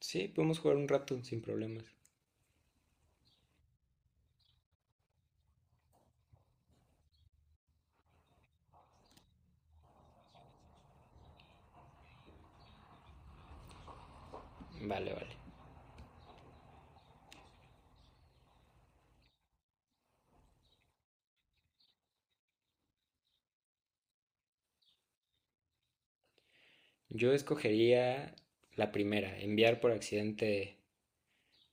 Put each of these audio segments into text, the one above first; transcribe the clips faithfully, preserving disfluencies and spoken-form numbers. Sí, podemos jugar un rato sin problemas. Vale, vale. Yo escogería la primera, enviar por accidente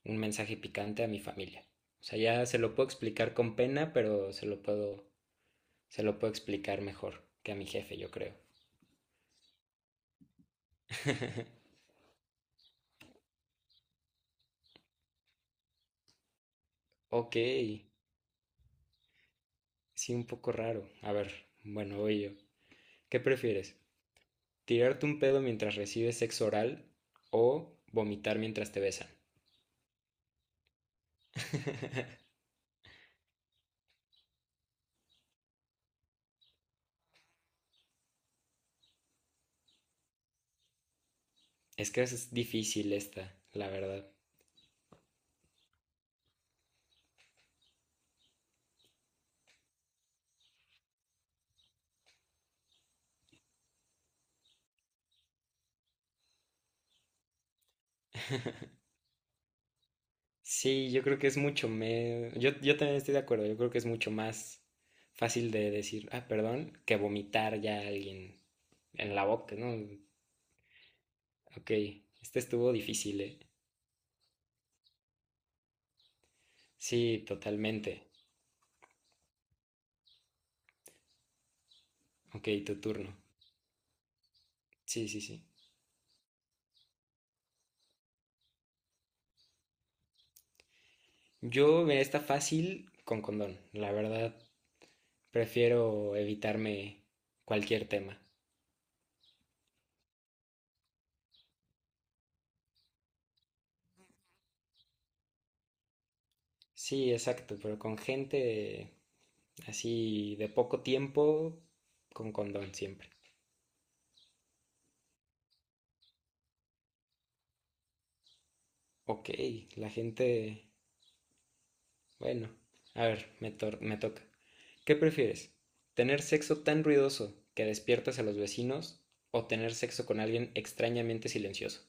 un mensaje picante a mi familia. O sea, ya se lo puedo explicar con pena, pero se lo puedo, se lo puedo explicar mejor que a mi jefe, yo creo. Ok, sí, un poco raro. A ver, bueno, voy yo. ¿Qué prefieres? ¿Tirarte un pedo mientras recibes sexo oral o vomitar mientras te besan? Es que es difícil esta, la verdad. Sí, yo creo que es mucho me... Yo, yo también estoy de acuerdo, yo creo que es mucho más fácil de decir, ah, perdón, que vomitar ya a alguien en la boca, ¿no? Ok, este estuvo difícil, ¿eh? Sí, totalmente. Ok, tu turno. Sí, sí, sí. Yo, mira, está fácil con condón. La verdad, prefiero evitarme cualquier tema. Sí, exacto, pero con gente así de poco tiempo, con condón siempre. Ok, la gente... Bueno, a ver, me, tor- me toca. ¿Qué prefieres? ¿Tener sexo tan ruidoso que despiertas a los vecinos o tener sexo con alguien extrañamente silencioso?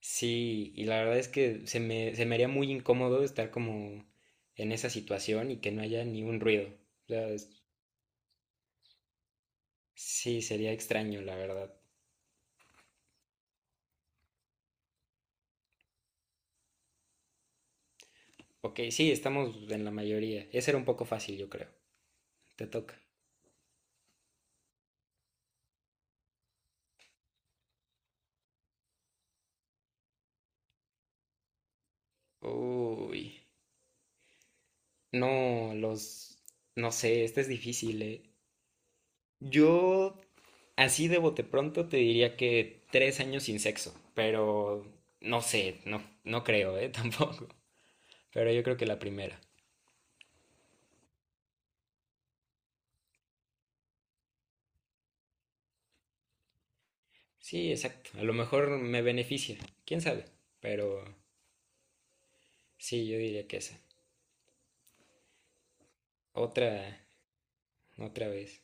Sí, y la verdad es que se me, se me haría muy incómodo estar como en esa situación y que no haya ni un ruido. O sea, es- sí, sería extraño, la verdad. Ok, sí, estamos en la mayoría. Ese era un poco fácil, yo creo. Te toca. Uy. No, los... No sé, este es difícil, ¿eh? Yo, así de bote pronto, te diría que tres años sin sexo, pero no sé, no, no creo, ¿eh? Tampoco. Pero yo creo que la primera. Sí, exacto. A lo mejor me beneficia, quién sabe. Pero sí, yo diría que esa. Otra, otra vez.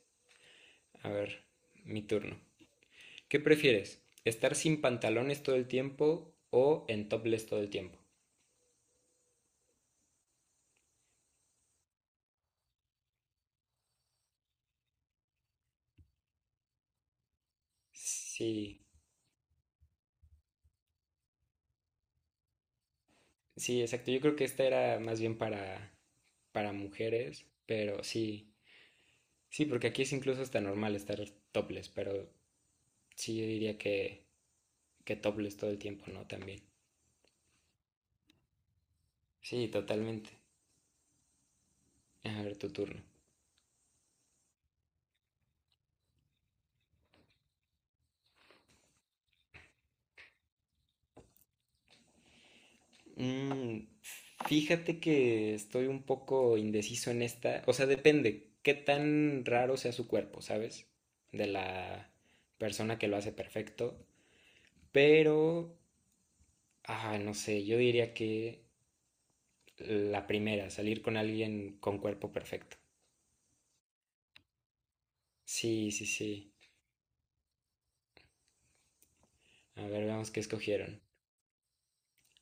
A ver, mi turno. ¿Qué prefieres? ¿Estar sin pantalones todo el tiempo o en topless todo el tiempo? Sí, Sí, exacto. Yo creo que esta era más bien para, para, mujeres, pero sí, sí, porque aquí es incluso hasta normal estar topless, pero sí, yo diría que, que topless todo el tiempo, ¿no? También. Sí, totalmente. A ver, tu turno. Mm, Fíjate que estoy un poco indeciso en esta, o sea, depende qué tan raro sea su cuerpo, ¿sabes? De la persona que lo hace perfecto, pero, ah, no sé, yo diría que la primera, salir con alguien con cuerpo perfecto. Sí, sí, sí. A ver, veamos qué escogieron.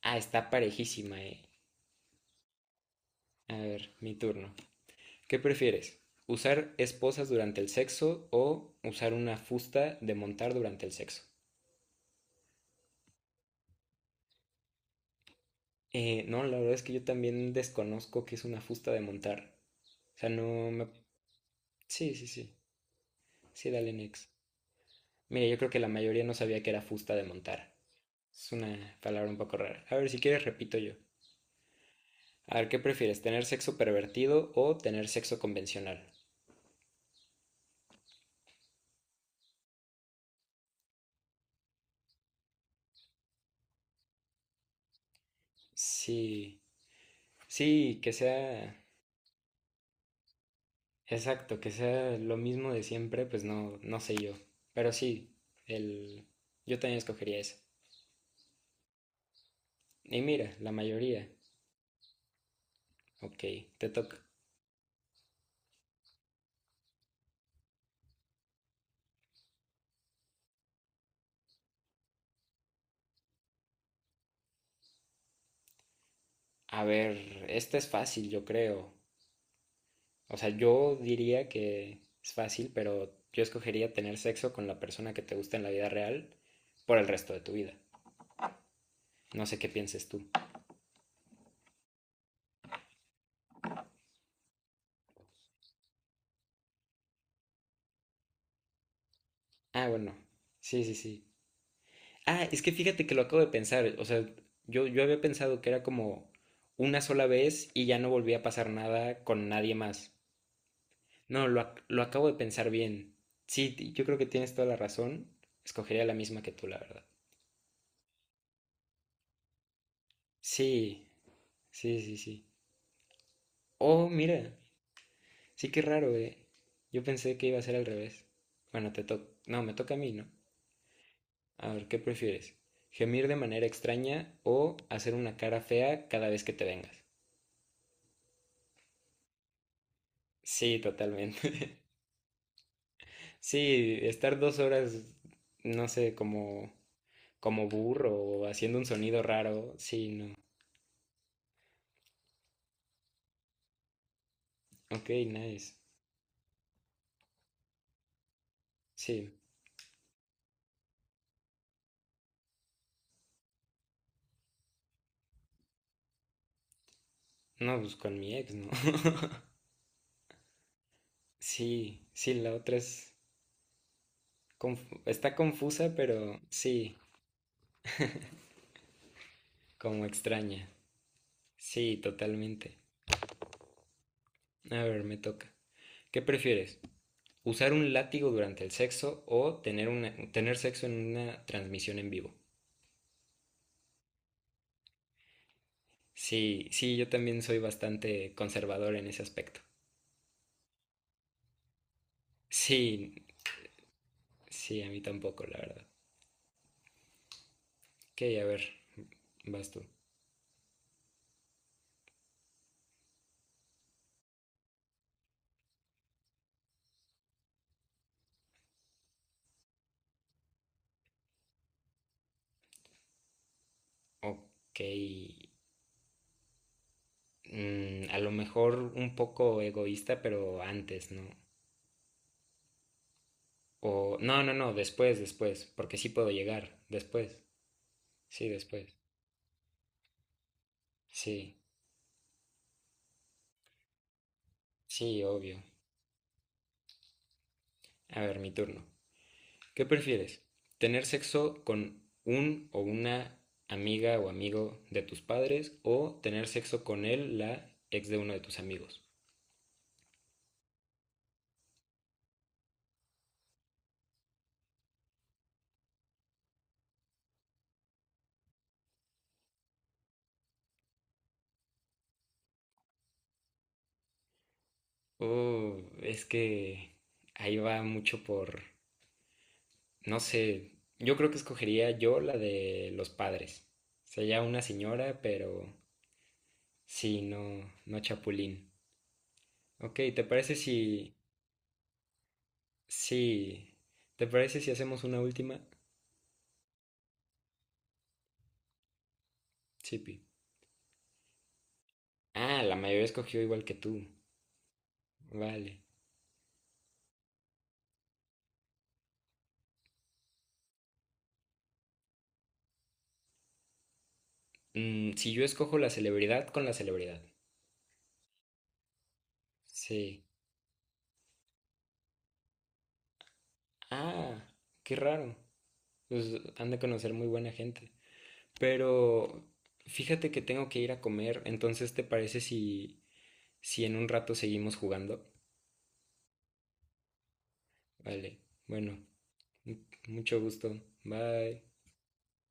Ah, está parejísima, eh. A ver, mi turno. ¿Qué prefieres? ¿Usar esposas durante el sexo o usar una fusta de montar durante el sexo? Eh, no, la verdad es que yo también desconozco qué es una fusta de montar. O sea, no me... Sí, sí, sí. Sí, dale next. Mira, yo creo que la mayoría no sabía que era fusta de montar. Es una palabra un poco rara. A ver, si quieres repito yo. A ver, ¿qué prefieres? ¿Tener sexo pervertido o tener sexo convencional? Sí, sí, que sea, exacto, que sea lo mismo de siempre, pues no, no sé yo. Pero sí, el, yo también escogería eso. Y mira, la mayoría. Ok, te toca. A ver, esta es fácil, yo creo. O sea, yo diría que es fácil, pero yo escogería tener sexo con la persona que te gusta en la vida real por el resto de tu vida. No sé qué pienses tú. Ah, bueno. Sí, sí, sí. Ah, es que fíjate que lo acabo de pensar. O sea, yo, yo había pensado que era como una sola vez y ya no volvía a pasar nada con nadie más. No, lo, ac- lo acabo de pensar bien. Sí, t- yo creo que tienes toda la razón. Escogería la misma que tú, la verdad. Sí, sí, sí, sí. Oh, mira. Sí, qué raro, eh. Yo pensé que iba a ser al revés. Bueno, te toca. No, me toca a mí, ¿no? A ver, ¿qué prefieres? ¿Gemir de manera extraña o hacer una cara fea cada vez que te vengas? Sí, totalmente. Sí, estar dos horas, no sé, como, como, burro o haciendo un sonido raro, sí, no. Ok, nice. Sí, no, pues con mi ex, ¿no? Sí, sí, la otra es confu- está confusa, pero sí, como extraña. Sí, totalmente. A ver, me toca. ¿Qué prefieres? ¿Usar un látigo durante el sexo o tener una, tener sexo en una transmisión en vivo? Sí, sí, yo también soy bastante conservador en ese aspecto. Sí, Sí, a mí tampoco, la verdad. Ok, a ver, vas tú. Ok, mm, a lo mejor un poco egoísta, pero antes, ¿no? O, no, no, no, después, después, porque sí puedo llegar, después. Sí, después. Sí, sí, obvio. A ver, mi turno. ¿Qué prefieres? ¿Tener sexo con un o una amiga o amigo de tus padres o tener sexo con él, la ex de uno de tus amigos? Uh, es que ahí va mucho por, no sé, yo creo que escogería yo la de los padres. Sería una señora, pero sí, no, no chapulín. Ok, ¿te parece si, sí, ¿te parece si hacemos una última? Sí, Pi. Ah, la mayoría escogió igual que tú. Vale. Mm, si yo escojo la celebridad con la celebridad. Sí. Ah, qué raro. Pues han de conocer muy buena gente. Pero fíjate que tengo que ir a comer, entonces ¿te parece si, si en un rato seguimos jugando? Vale, bueno, mu- mucho gusto. Bye.